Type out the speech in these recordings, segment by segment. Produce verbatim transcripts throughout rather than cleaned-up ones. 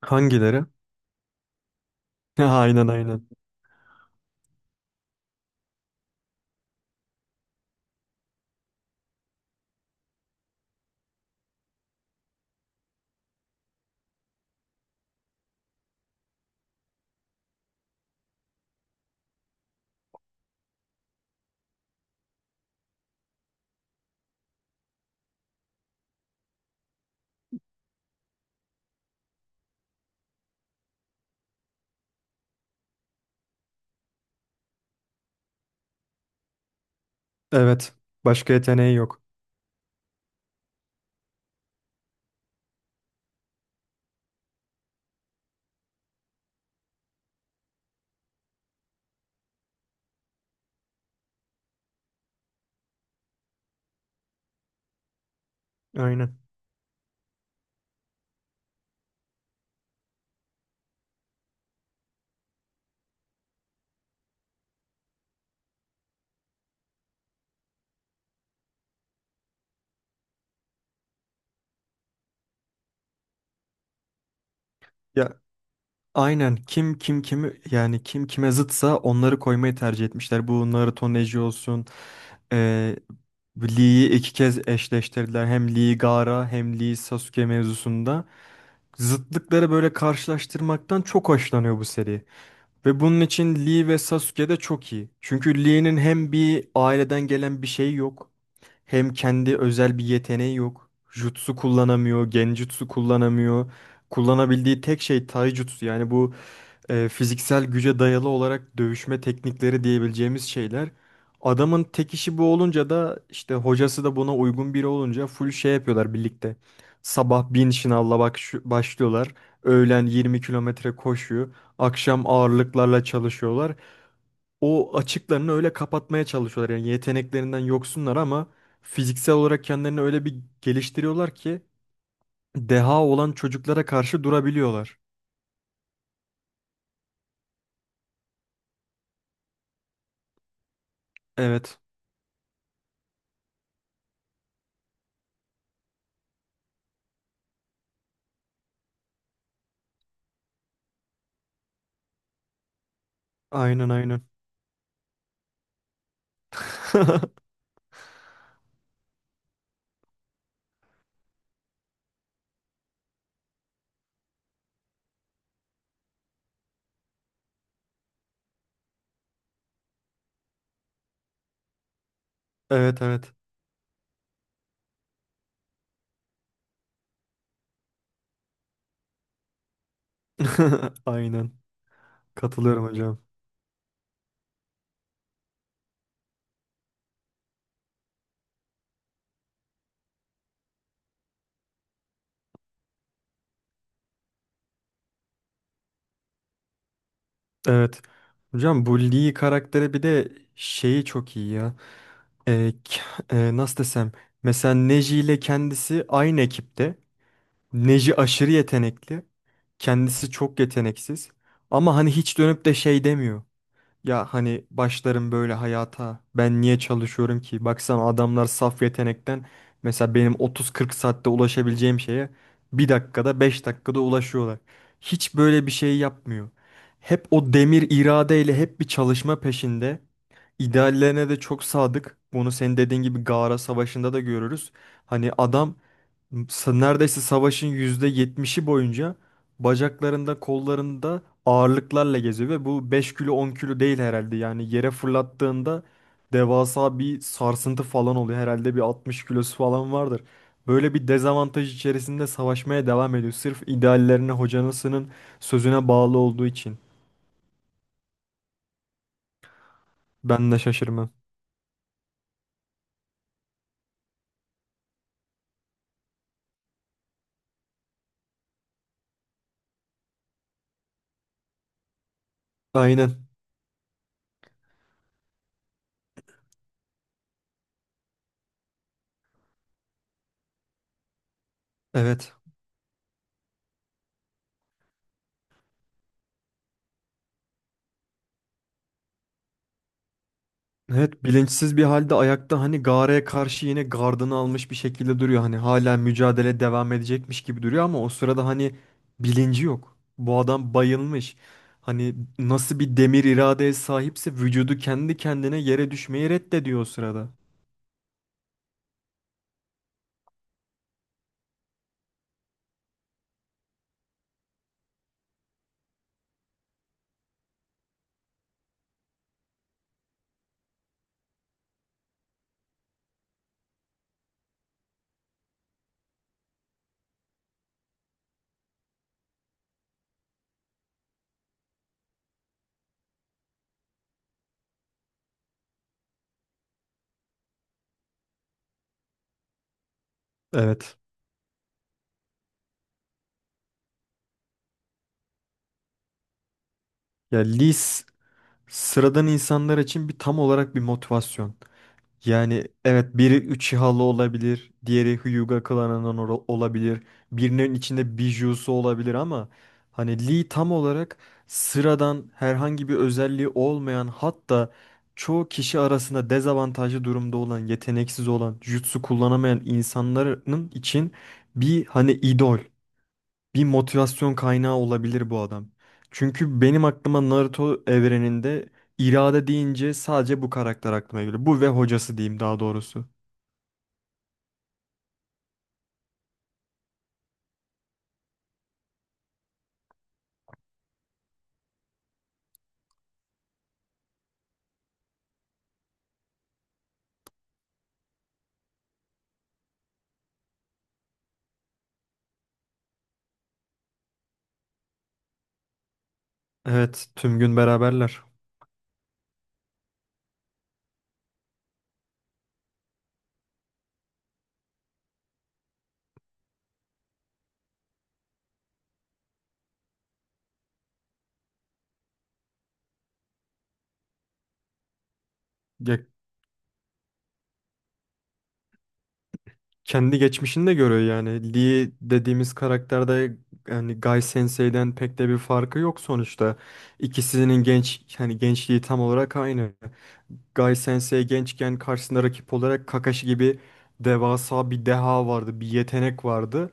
Hangileri? Aynen, aynen. Evet. Başka yeteneği yok. Aynen. Ya, aynen, kim kim kimi yani kim kime zıtsa onları koymayı tercih etmişler. Bu Naruto Neji olsun. Ee, Lee'yi iki kez eşleştirdiler. Hem Lee Gaara hem Lee Sasuke mevzusunda. Zıtlıkları böyle karşılaştırmaktan çok hoşlanıyor bu seri. Ve bunun için Lee ve Sasuke de çok iyi. Çünkü Lee'nin hem bir aileden gelen bir şey yok. Hem kendi özel bir yeteneği yok. Jutsu kullanamıyor, genjutsu kullanamıyor. Kullanabildiği tek şey taijutsu. Yani bu e, fiziksel güce dayalı olarak dövüşme teknikleri diyebileceğimiz şeyler. Adamın tek işi bu olunca da işte hocası da buna uygun biri olunca full şey yapıyorlar birlikte. Sabah bin şınavla bak başlıyorlar. Öğlen yirmi kilometre koşuyor. Akşam ağırlıklarla çalışıyorlar, o açıklarını öyle kapatmaya çalışıyorlar. Yani yeteneklerinden yoksunlar ama fiziksel olarak kendilerini öyle bir geliştiriyorlar ki deha olan çocuklara karşı durabiliyorlar. Evet. Aynen, aynen. Evet, evet. Aynen. Katılıyorum hocam. Evet. Hocam, bu Lee karakteri bir de şeyi çok iyi ya. Ee, k- e, Nasıl desem. Mesela Neji ile kendisi aynı ekipte. Neji aşırı yetenekli. Kendisi çok yeteneksiz. Ama hani hiç dönüp de şey demiyor. Ya, hani başlarım böyle hayata. Ben niye çalışıyorum ki? Baksana, adamlar saf yetenekten mesela benim otuz kırk saatte ulaşabileceğim şeye bir dakikada, beş dakikada ulaşıyorlar. Hiç böyle bir şey yapmıyor. Hep o demir iradeyle hep bir çalışma peşinde. İdeallerine de çok sadık. Bunu senin dediğin gibi Gaara Savaşı'nda da görürüz. Hani adam sa- neredeyse savaşın yüzde yetmişi boyunca bacaklarında, kollarında ağırlıklarla geziyor ve bu beş kilo on kilo değil herhalde. Yani yere fırlattığında devasa bir sarsıntı falan oluyor. Herhalde bir altmış kilosu falan vardır. Böyle bir dezavantaj içerisinde savaşmaya devam ediyor. Sırf ideallerine, hocanısının sözüne bağlı olduğu için. Ben de şaşırmam. Aynen. Evet. Evet, bilinçsiz bir halde ayakta hani Gare'ye karşı yine gardını almış bir şekilde duruyor. Hani hala mücadele devam edecekmiş gibi duruyor ama o sırada hani bilinci yok. Bu adam bayılmış. Hani nasıl bir demir iradeye sahipse vücudu kendi kendine yere düşmeyi reddediyor o sırada. Evet. Ya Liz sıradan insanlar için bir tam olarak bir motivasyon. Yani evet, biri Uchiha'lı olabilir, diğeri Hyuga klanından ol- olabilir, birinin içinde Bijuu'su olabilir ama hani Lee tam olarak sıradan, herhangi bir özelliği olmayan, hatta çoğu kişi arasında dezavantajlı durumda olan, yeteneksiz olan, jutsu kullanamayan insanların için bir hani idol, bir motivasyon kaynağı olabilir bu adam. Çünkü benim aklıma Naruto evreninde irade deyince sadece bu karakter aklıma geliyor. Bu ve hocası diyeyim daha doğrusu. Evet, tüm gün beraberler. Ya, kendi geçmişini de görüyor yani. Lee dediğimiz karakterde yani Guy Sensei'den pek de bir farkı yok sonuçta. İkisinin genç yani gençliği tam olarak aynı. Gai Sensei gençken karşısında rakip olarak Kakashi gibi devasa bir deha vardı, bir yetenek vardı.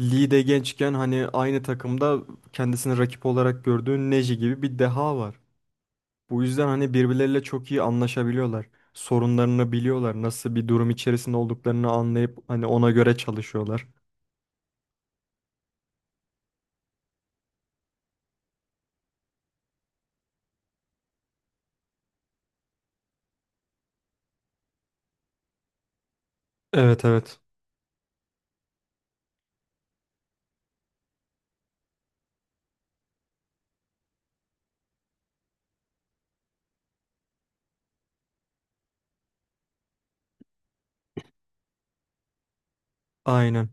Lee de gençken hani aynı takımda kendisini rakip olarak gördüğü Neji gibi bir deha var. Bu yüzden hani birbirleriyle çok iyi anlaşabiliyorlar. Sorunlarını biliyorlar. Nasıl bir durum içerisinde olduklarını anlayıp hani ona göre çalışıyorlar. Evet, evet. Aynen.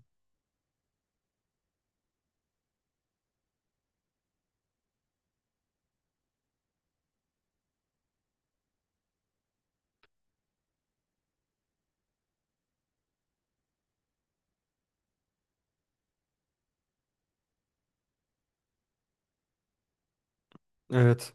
Evet.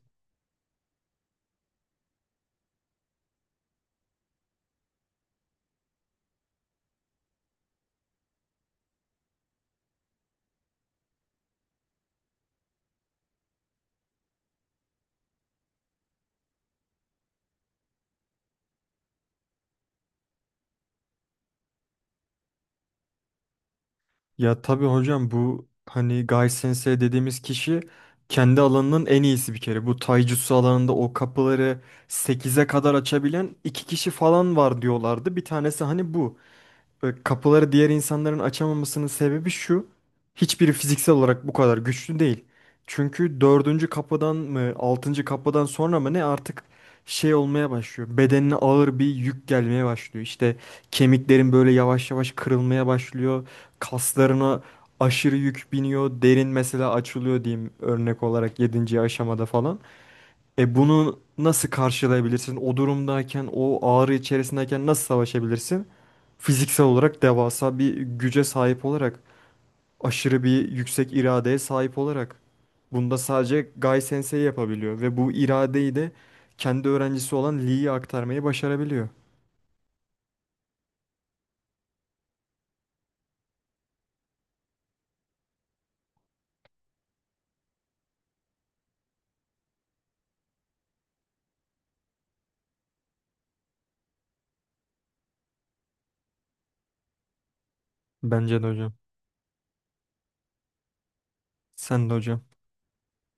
Ya tabii hocam, bu hani Gai Sensei dediğimiz kişi kendi alanının en iyisi bir kere. Bu Taijutsu alanında o kapıları sekize kadar açabilen iki kişi falan var diyorlardı. Bir tanesi hani bu. Böyle kapıları diğer insanların açamamasının sebebi şu. Hiçbiri fiziksel olarak bu kadar güçlü değil. Çünkü dördüncü kapıdan mı, altıncı kapıdan sonra mı ne artık şey olmaya başlıyor. Bedenine ağır bir yük gelmeye başlıyor. İşte kemiklerin böyle yavaş yavaş kırılmaya başlıyor. Kaslarına aşırı yük biniyor. Derin mesela açılıyor diyeyim örnek olarak yedinci aşamada falan. E bunu nasıl karşılayabilirsin? O durumdayken, o ağrı içerisindeyken nasıl savaşabilirsin? Fiziksel olarak devasa bir güce sahip olarak, aşırı bir yüksek iradeye sahip olarak. Bunda sadece Gai Sensei yapabiliyor ve bu iradeyi de kendi öğrencisi olan Lee'ye aktarmayı başarabiliyor. Bence de hocam. Sen de hocam.